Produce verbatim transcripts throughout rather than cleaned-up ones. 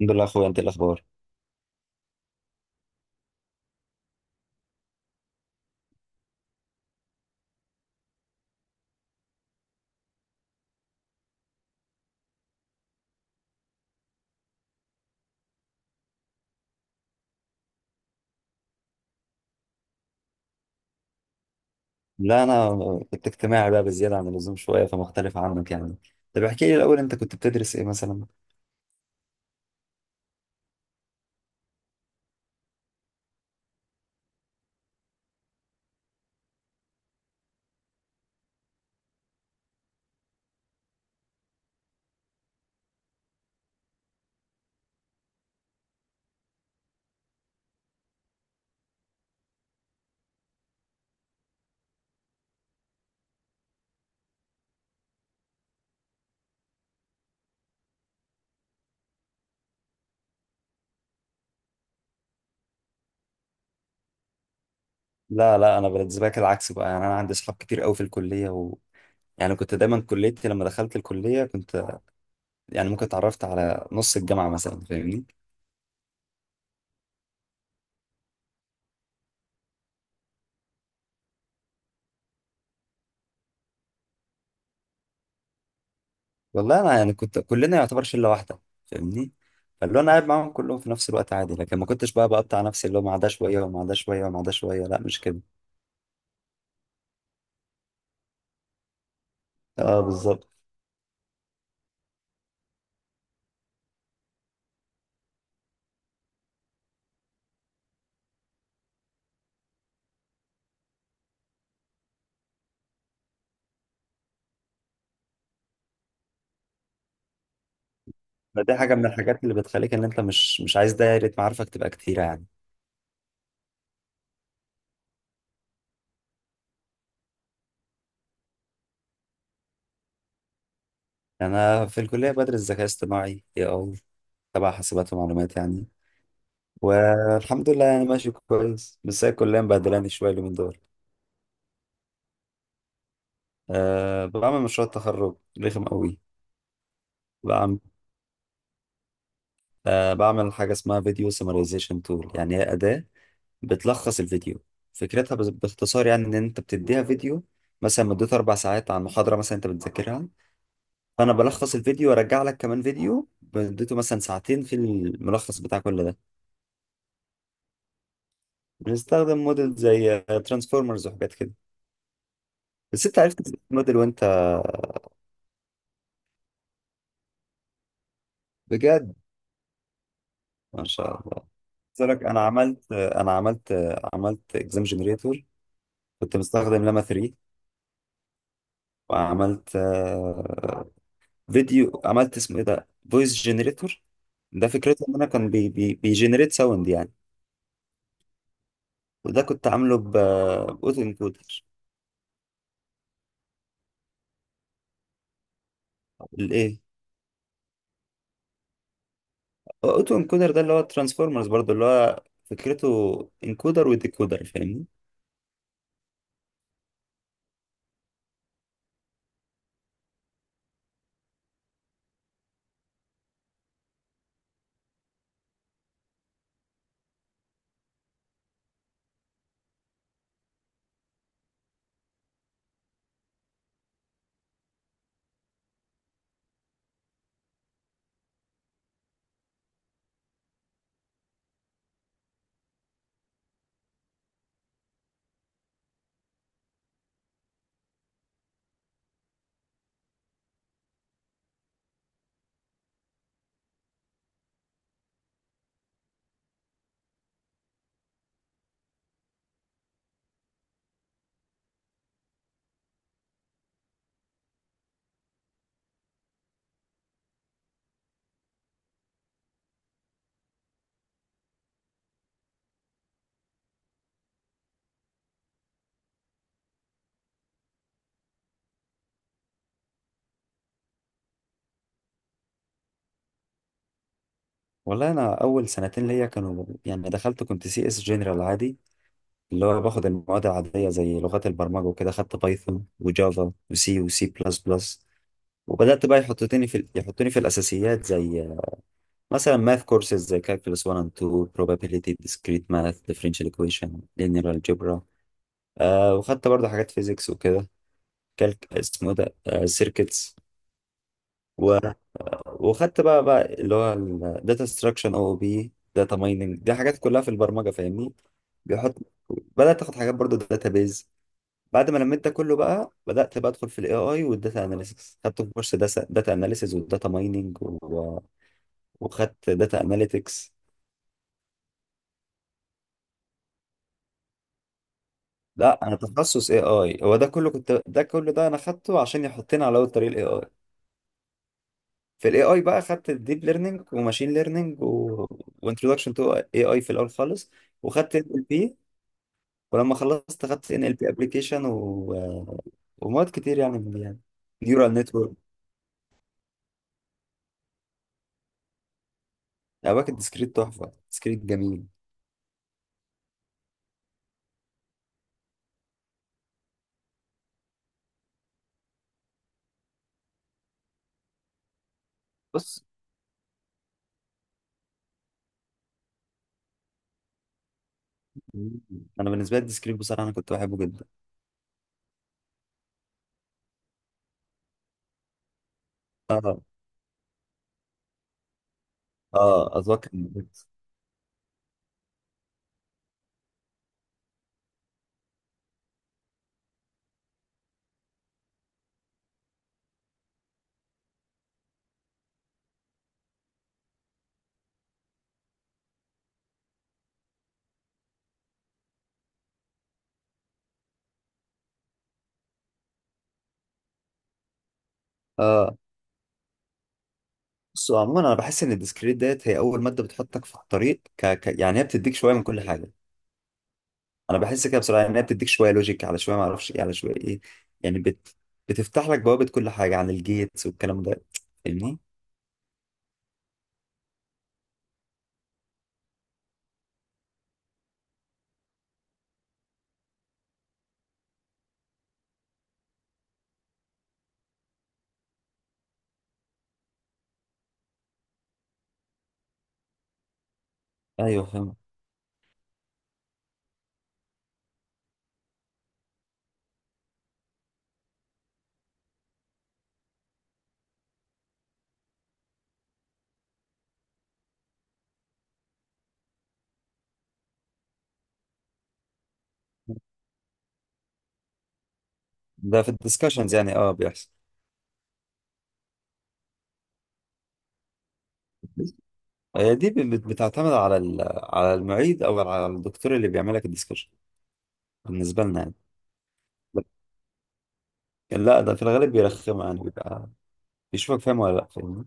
الحمد لله يا اخويا، انت إيه الاخبار؟ لا انا كنت اجتماعي بقى بزياده عن اللزوم شويه، فمختلف عنك يعني. طب احكي لي الاول، انت كنت بتدرس ايه مثلا؟ لا لا، انا بالنسبه لك العكس بقى، يعني انا عندي اصحاب كتير قوي في الكليه و... يعني كنت دايما، كليتي لما دخلت الكليه كنت، يعني ممكن اتعرفت على نص الجامعه مثلا، فاهمني. والله انا يعني كنت، كلنا يعتبر شله واحده، فاهمني. فاللي هو انا قاعد معاهم كلهم في نفس الوقت عادي، لكن ما كنتش بقى بقطع نفسي اللي هو مع ده شويه ومع ده شويه ومع ده شويه، لا مش كده. اه بالظبط. فدي حاجة من الحاجات اللي بتخليك إن أنت مش مش عايز دايرة معارفك تبقى كتيرة يعني. يعني أنا في الكلية بدرس ذكاء اصطناعي، اي أي، تبع حاسبات ومعلومات يعني. والحمد لله يعني ماشي كويس، بس هي الكلية مبهدلاني شوية اليومين دول. أه، بعمل مشروع تخرج رخم قوي. بعمل، أه بعمل حاجة اسمها فيديو سمرايزيشن تول، يعني هي أداة بتلخص الفيديو. فكرتها بز- باختصار يعني، إن أنت بتديها فيديو مثلا مدته أربع ساعات عن محاضرة مثلا أنت بتذاكرها. فانا بلخص الفيديو وارجع لك كمان فيديو مدته مثلا ساعتين في الملخص بتاع كل ده. بنستخدم موديل زي ترانسفورمرز وحاجات كده. بس انت عرفت الموديل وانت؟ بجد، ما شاء الله. قلت لك انا عملت انا عملت عملت اكزام جنريتور. كنت مستخدم لاما ثلاثة. وعملت آه، فيديو، عملت اسمه ايه ده، فويس جنريتور. ده فكرته ان انا كان بي بي بيجنريت ساوند يعني. وده كنت عامله باوتو انكودر. الايه؟ هو اوتو انكودر ده اللي هو ترانسفورمرز برضو، اللي هو فكرته انكودر وديكودر، فاهمني. والله انا اول سنتين ليا كانوا، يعني دخلت كنت سي اس جنرال عادي، اللي هو باخد المواد العاديه زي لغات البرمجه وكده، خدت بايثون وجافا وسي وسي بلس بلس. وبدات بقى يحطوني في يحطوني في الاساسيات زي مثلا ماث كورسز زي كالكولس واحد and two probability discrete math differential equation linear algebra. آه، وخدت برضه حاجات فيزيكس وكده. كالك اسمه إيه ده، سيركتس. وخدت بقى بقى اللي هو الداتا ستراكشن او بي داتا مايننج، دي حاجات كلها في البرمجه فاهمني. بيحط، بدات تاخد حاجات برضو داتا بيز. بعد ما لميت ده كله بقى، بدات بقى ادخل في الاي اي والداتا اناليسيس، خدت كورس داتا اناليسيس وداتا مايننج و... وخدت داتا اناليتكس. لا، انا تخصص اي اي. هو ده كله كنت ده كله ده انا خدته عشان يحطني على اول طريق الاي اي. في الاي اي بقى خدت الديب ليرنينج وماشين ليرنينج و... وانتروداكشن تو اي اي في الاول خالص. وخدت ال بي. ولما خلصت خدت ان ال بي ابلكيشن و... ومواد كتير يعني من دي يعني. نيورال نتورك. باكت ديسكريت تحفه، ديسكريت جميل. بص انا بالنسبه لي الديسكريت بصراحه انا كنت بحبه جدا. اه. اه، اتوقع إن- اه. بص، هو عموما انا بحس ان الديسكريت ديت هي اول ماده بتحطك في الطريق، ك... ك... يعني هي بتديك شويه من كل حاجه. انا بحس كده بصراحه ان هي بتديك شويه لوجيك، على شويه ما اعرفش ايه، على شويه ايه. يعني بت... بتفتح لك بوابه كل حاجه عن الجيتس والكلام ده، فاهمني. ايوه فاهم. ده في الديسكشنز يعني، اه بيحصل. هي دي بت- بت- بتعتمد على ال- على المعيد او على الدكتور اللي بيعمل لك الديسكشن، بالنسبه لنا يعني. لكن لا، ده في الغالب بيرخم يعني، بيبقى بيشوفك فاهم ولا لا، فاهمني.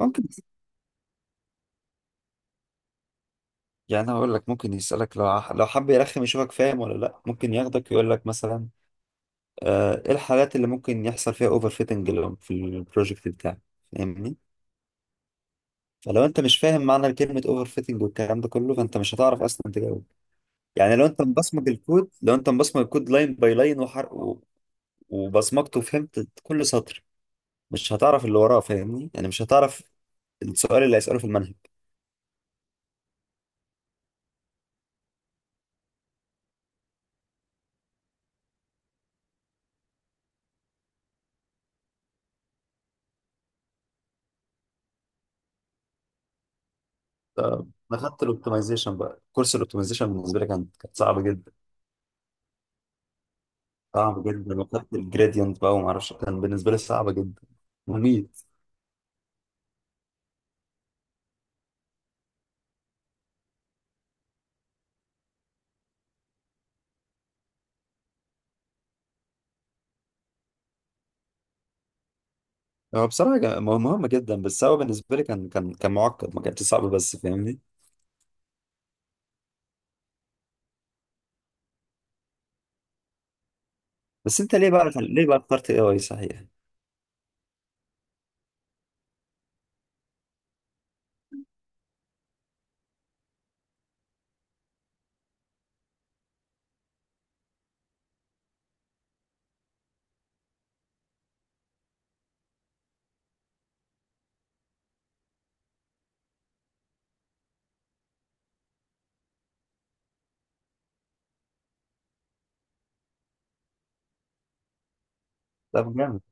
ممكن، يعني انا هقول لك، ممكن يسالك لو ع- لو حب يرخم يشوفك فاهم ولا لا، ممكن ياخدك يقول لك مثلا آه، ايه الحالات اللي ممكن يحصل فيها اوفر فيتنج في البروجكت بتاعك، فاهمني. فلو انت مش فاهم معنى كلمه اوفر فيتنج والكلام ده كله، فانت مش هتعرف اصلا تجاوب. يعني لو انت مبصمج الكود، لو انت مبصمج الكود لاين باي لاين وحرق و- وبصمجته وفهمت كل سطر، مش هتعرف اللي وراه فاهمني، يعني مش هتعرف السؤال اللي هيسأله في المنهج. آه، انا خدت الاوبتمايزيشن بقى، كورس الاوبتمايزيشن بالنسبه لي كان، كانت صعبه جدا. صعب جدا، وخدت الجريدينت بقى، وما اعرفش كان بالنسبه لي صعبه جدا، مميت. هو بصراحه كان- مه- مهمه جدا، بس هو بالنسبه لي كان كان كان معقد، ما كانش صعب بس، فاهمني. بس انت ليه بقى، ليه بقى اخترت اي اي صحيح؟ طب جامد.